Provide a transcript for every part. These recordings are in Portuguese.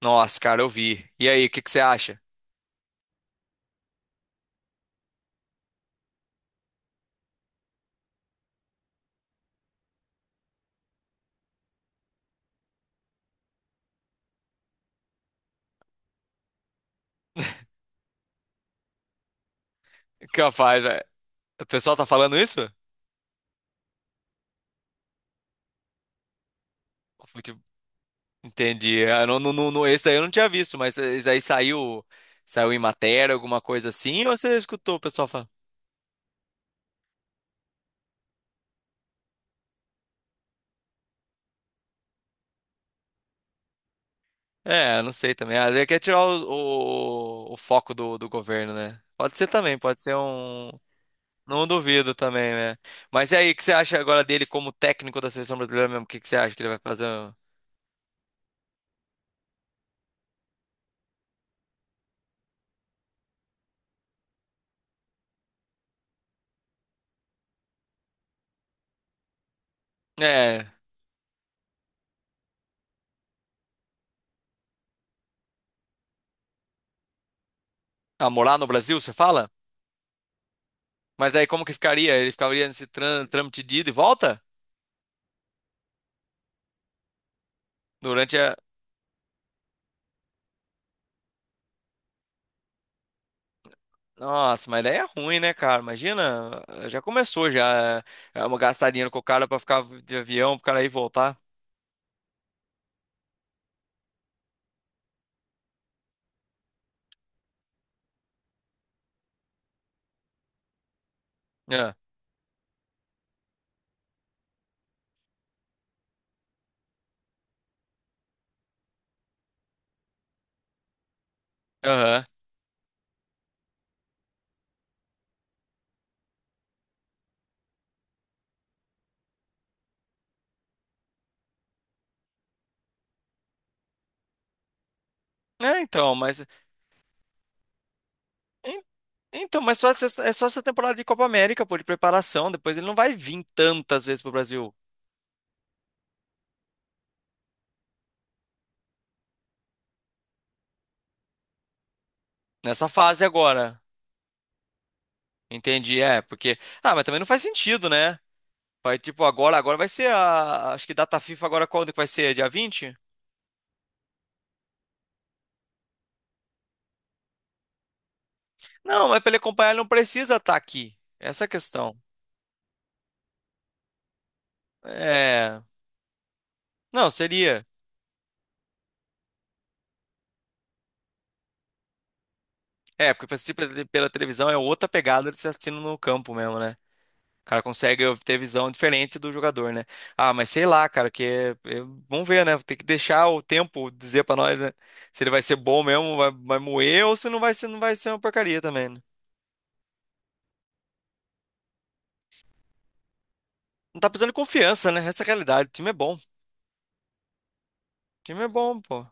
Nossa, cara, eu vi. E aí, o que que você acha? Capaz, velho. O pessoal tá falando isso? Eu falei, tipo. Entendi. Ah, não, não, não, esse daí eu não tinha visto, mas esse aí saiu em matéria, alguma coisa assim, ou você escutou o pessoal falando? É, eu não sei também. Às vezes quer tirar o foco do governo, né? Pode ser também, pode ser um. Não duvido também, né? Mas e aí, o que você acha agora dele como técnico da seleção brasileira mesmo? O que que você acha que ele vai fazer? É, a morar no Brasil, você fala? Mas aí como que ficaria? Ele ficaria nesse trâmite de ida e volta? Durante a. Nossa, mas daí é ruim, né, cara? Imagina, já começou já é uma gastar dinheiro com o cara pra ficar de avião, pro cara ir e voltar. É. Aham. É, então, mas en- então, mas só essa, só essa temporada de Copa América, pô, de preparação, depois ele não vai vir tantas vezes pro Brasil nessa fase agora. Entendi, é, porque ah, mas também não faz sentido, né? Vai tipo agora vai ser a acho que data FIFA agora quando que vai ser? Dia 20. Não, mas para ele acompanhar, ele não precisa estar aqui. Essa é a questão. É. Não, seria. É, porque pra assistir pela televisão é outra pegada de se assistindo no campo mesmo, né? O cara consegue ter visão diferente do jogador, né? Ah, mas sei lá, cara, vamos ver, né? Tem que deixar o tempo dizer pra nós, né? Se ele vai ser bom mesmo, vai moer, ou se não vai ser uma porcaria também, né? Não tá precisando de confiança, né? Essa é a realidade. O time é bom. O time é bom, pô.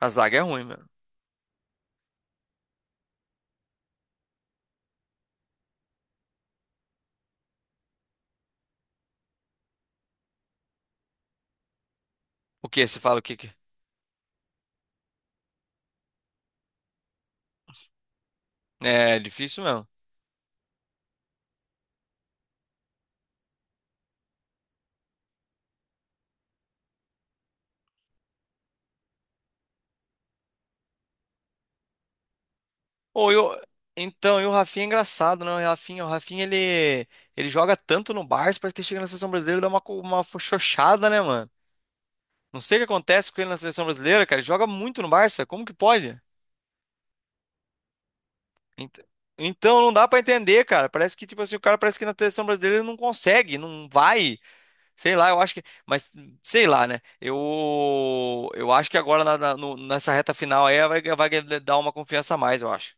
A zaga é ruim, mano. O quê? Você fala o quê? É É difícil mesmo. Ou eu... Então, e o Rafinha é engraçado, né? O Rafinha, ele joga tanto no Barça, parece que ele chega na seleção brasileira e dá uma xoxada, né, mano? Não sei o que acontece com ele na seleção brasileira, cara. Ele joga muito no Barça, como que pode? Ent- Então, não dá pra entender, cara. Parece que, tipo assim, o cara parece que na seleção brasileira ele não consegue, não vai. Sei lá, eu acho que. Mas, sei lá, né? Eu acho que agora nessa reta final aí vai dar uma confiança a mais, eu acho.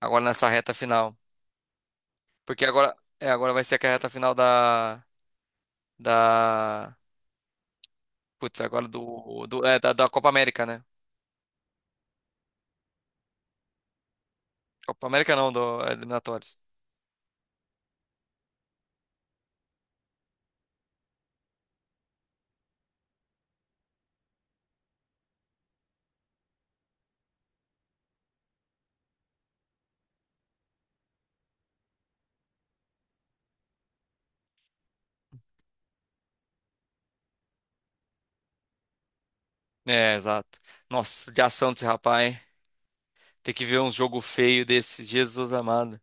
Agora nessa reta final. Porque agora, é, agora vai ser a reta final da, da, putz, agora da Copa América, né? Copa América não, do eliminatórias. É, exato. Nossa, de ação desse rapaz, hein? Tem que ver um jogo feio desse, Jesus amado.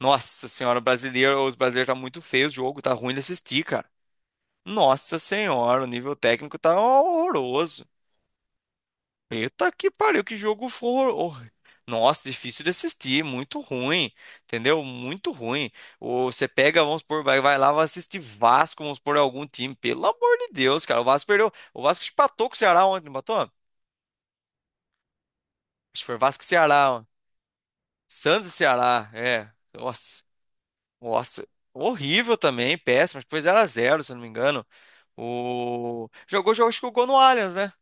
Nossa senhora, o brasileiro, os brasileiros tá muito feio o jogo, tá ruim de assistir, cara. Nossa senhora, o nível técnico tá horroroso. Eita que pariu, que jogo for. Nossa, difícil de assistir, muito ruim, entendeu? Muito ruim. Ou você pega, vamos supor, vai lá, vai assistir Vasco, vamos supor, algum time. Pelo amor de Deus, cara, o Vasco perdeu. O Vasco empatou com o Ceará ontem, não empatou? Acho que foi Vasco e Ceará, ó. Santos e Ceará, é. Nossa, nossa. Horrível também, péssimo. Acho que foi 0 a 0, se eu não me engano. O... acho que jogou no Allianz, né?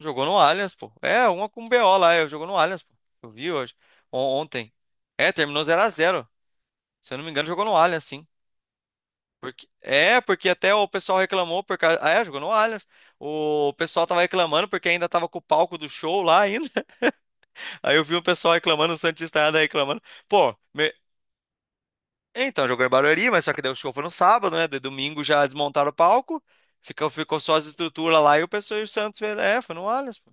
Jogou no Allianz, pô. É, uma com o BO lá, é, jogou no Allianz, pô. Eu vi hoje, ontem. É, terminou zero a zero. Se eu não me engano, jogou no Allianz, sim. Porque, é, porque até o pessoal reclamou por causa. Ah, é, jogou no Allianz. O pessoal tava reclamando porque ainda tava com o palco do show lá ainda. Aí eu vi o pessoal reclamando, o Santista ainda reclamando. Pô, então, jogou em Barueri, mas só que daí o show foi no sábado, né? De domingo já desmontaram o palco. Ficou só as estruturas lá e o pessoal e o Santos fez. É, foi no Allianz, pô.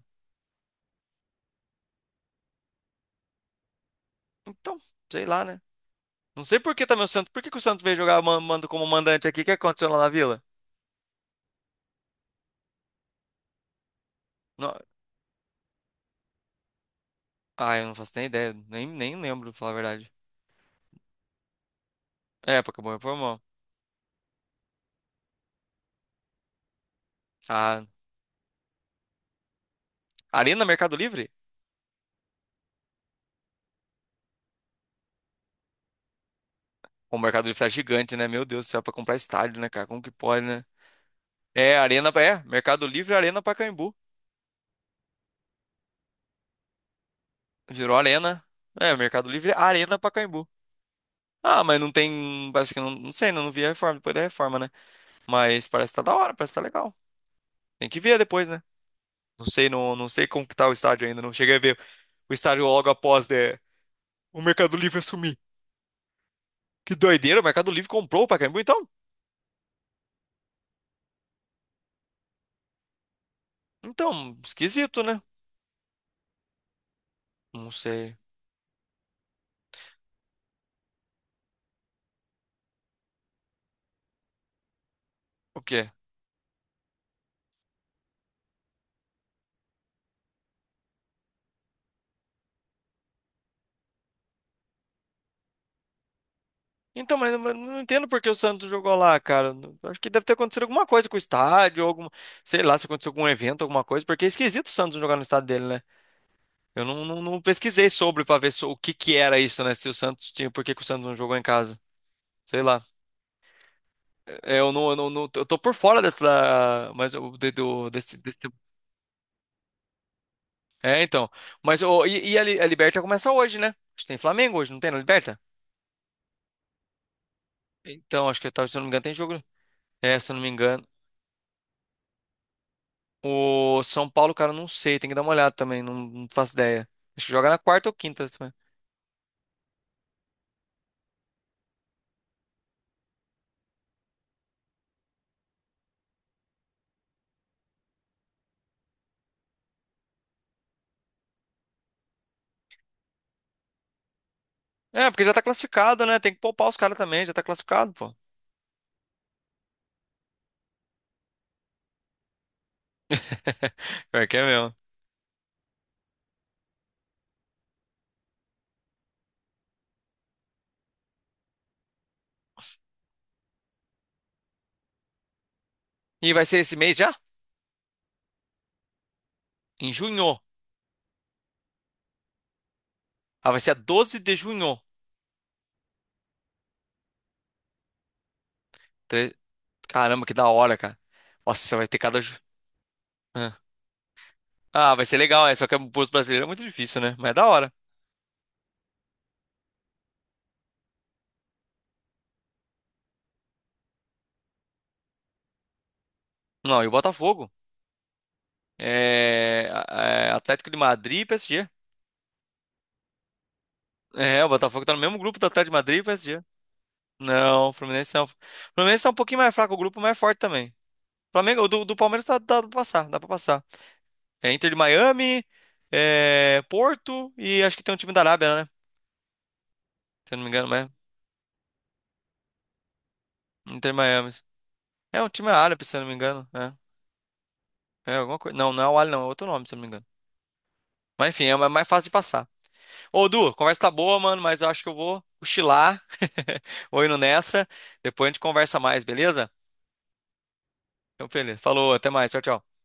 Então, sei lá, né? Não sei por que também o Santos. Por que que o Santos veio jogar mando como mandante aqui? O que aconteceu lá na Vila? Não... Ah, eu não faço nem ideia. Nem lembro, pra falar a verdade. É, porque acabou informal. Ah, Arena Mercado Livre? O Mercado Livre tá gigante, né? Meu Deus do céu, pra comprar estádio, né, cara? Como que pode, né? É, Arena. É, Mercado Livre, Arena Pacaembu. Virou Arena. É, Mercado Livre, Arena Pacaembu. Ah, mas não tem. Parece que não. Não sei, não vi a reforma, depois da reforma, né? Mas parece que tá da hora, parece que tá legal. Tem que ver depois, né? Não sei, não, sei como que tá o estádio ainda, não cheguei a ver. O estádio logo após né, o Mercado Livre assumir. Que doideira, o Mercado Livre comprou o Pacaembu, então? Então, esquisito, né? Não sei. O quê? Então, mas não entendo por que o Santos jogou lá, cara. Acho que deve ter acontecido alguma coisa com o estádio, alguma, sei lá, se aconteceu algum evento, alguma coisa, porque é esquisito o Santos jogar no estádio dele, né? Eu não, não- não pesquisei sobre pra ver o que que era isso, né? Se o Santos tinha, por que que o Santos não jogou em casa? Sei lá. É, eu não, não- eu tô por fora dessa, mas eu, de- do- desse, desse É, então. Mas ô, e a, a Liberta começa hoje, né? Acho que tem Flamengo hoje, não tem na Liberta? Então, acho que se eu não me engano, tem jogo. É, se eu não me engano. O São Paulo, cara, não sei, tem que dar uma olhada também, não, não faço ideia. Acho que joga na quarta ou quinta também. É, porque já tá classificado, né? Tem que poupar os caras também, já tá classificado, pô. Pior que é mesmo. E vai ser esse mês já? Em junho. Ah, vai ser a 12 de junho. Tre- Caramba, que da hora, cara. Nossa, vai ter cada. Ah, Ah, vai ser legal, é. Só que pros brasileiros é muito difícil, né? Mas é da hora. Não, e o Botafogo? É, é Atlético de Madrid e PSG. É, o Botafogo tá no mesmo grupo do Atlético de Madrid e PSG. Não, o Fluminense não. O Fluminense tá um pouquinho mais fraco, o grupo mais forte também. Flamengo, o do, do Palmeiras tá, dá pra passar, dá pra passar. É Inter de Miami, é Porto e acho que tem um time da Arábia, né? Se eu não me engano, mas Inter de Miami. É um time árabe, se eu não me engano. É, é alguma coisa. Não, não é o Al, não, é outro nome, se eu não me engano. Mas enfim, é mais fácil de passar. Ô, Du, conversa tá boa, mano, mas eu acho que eu vou cochilar. Vou indo nessa. Depois a gente conversa mais, beleza? Então, feliz. Falou, até mais. Tchau, tchau.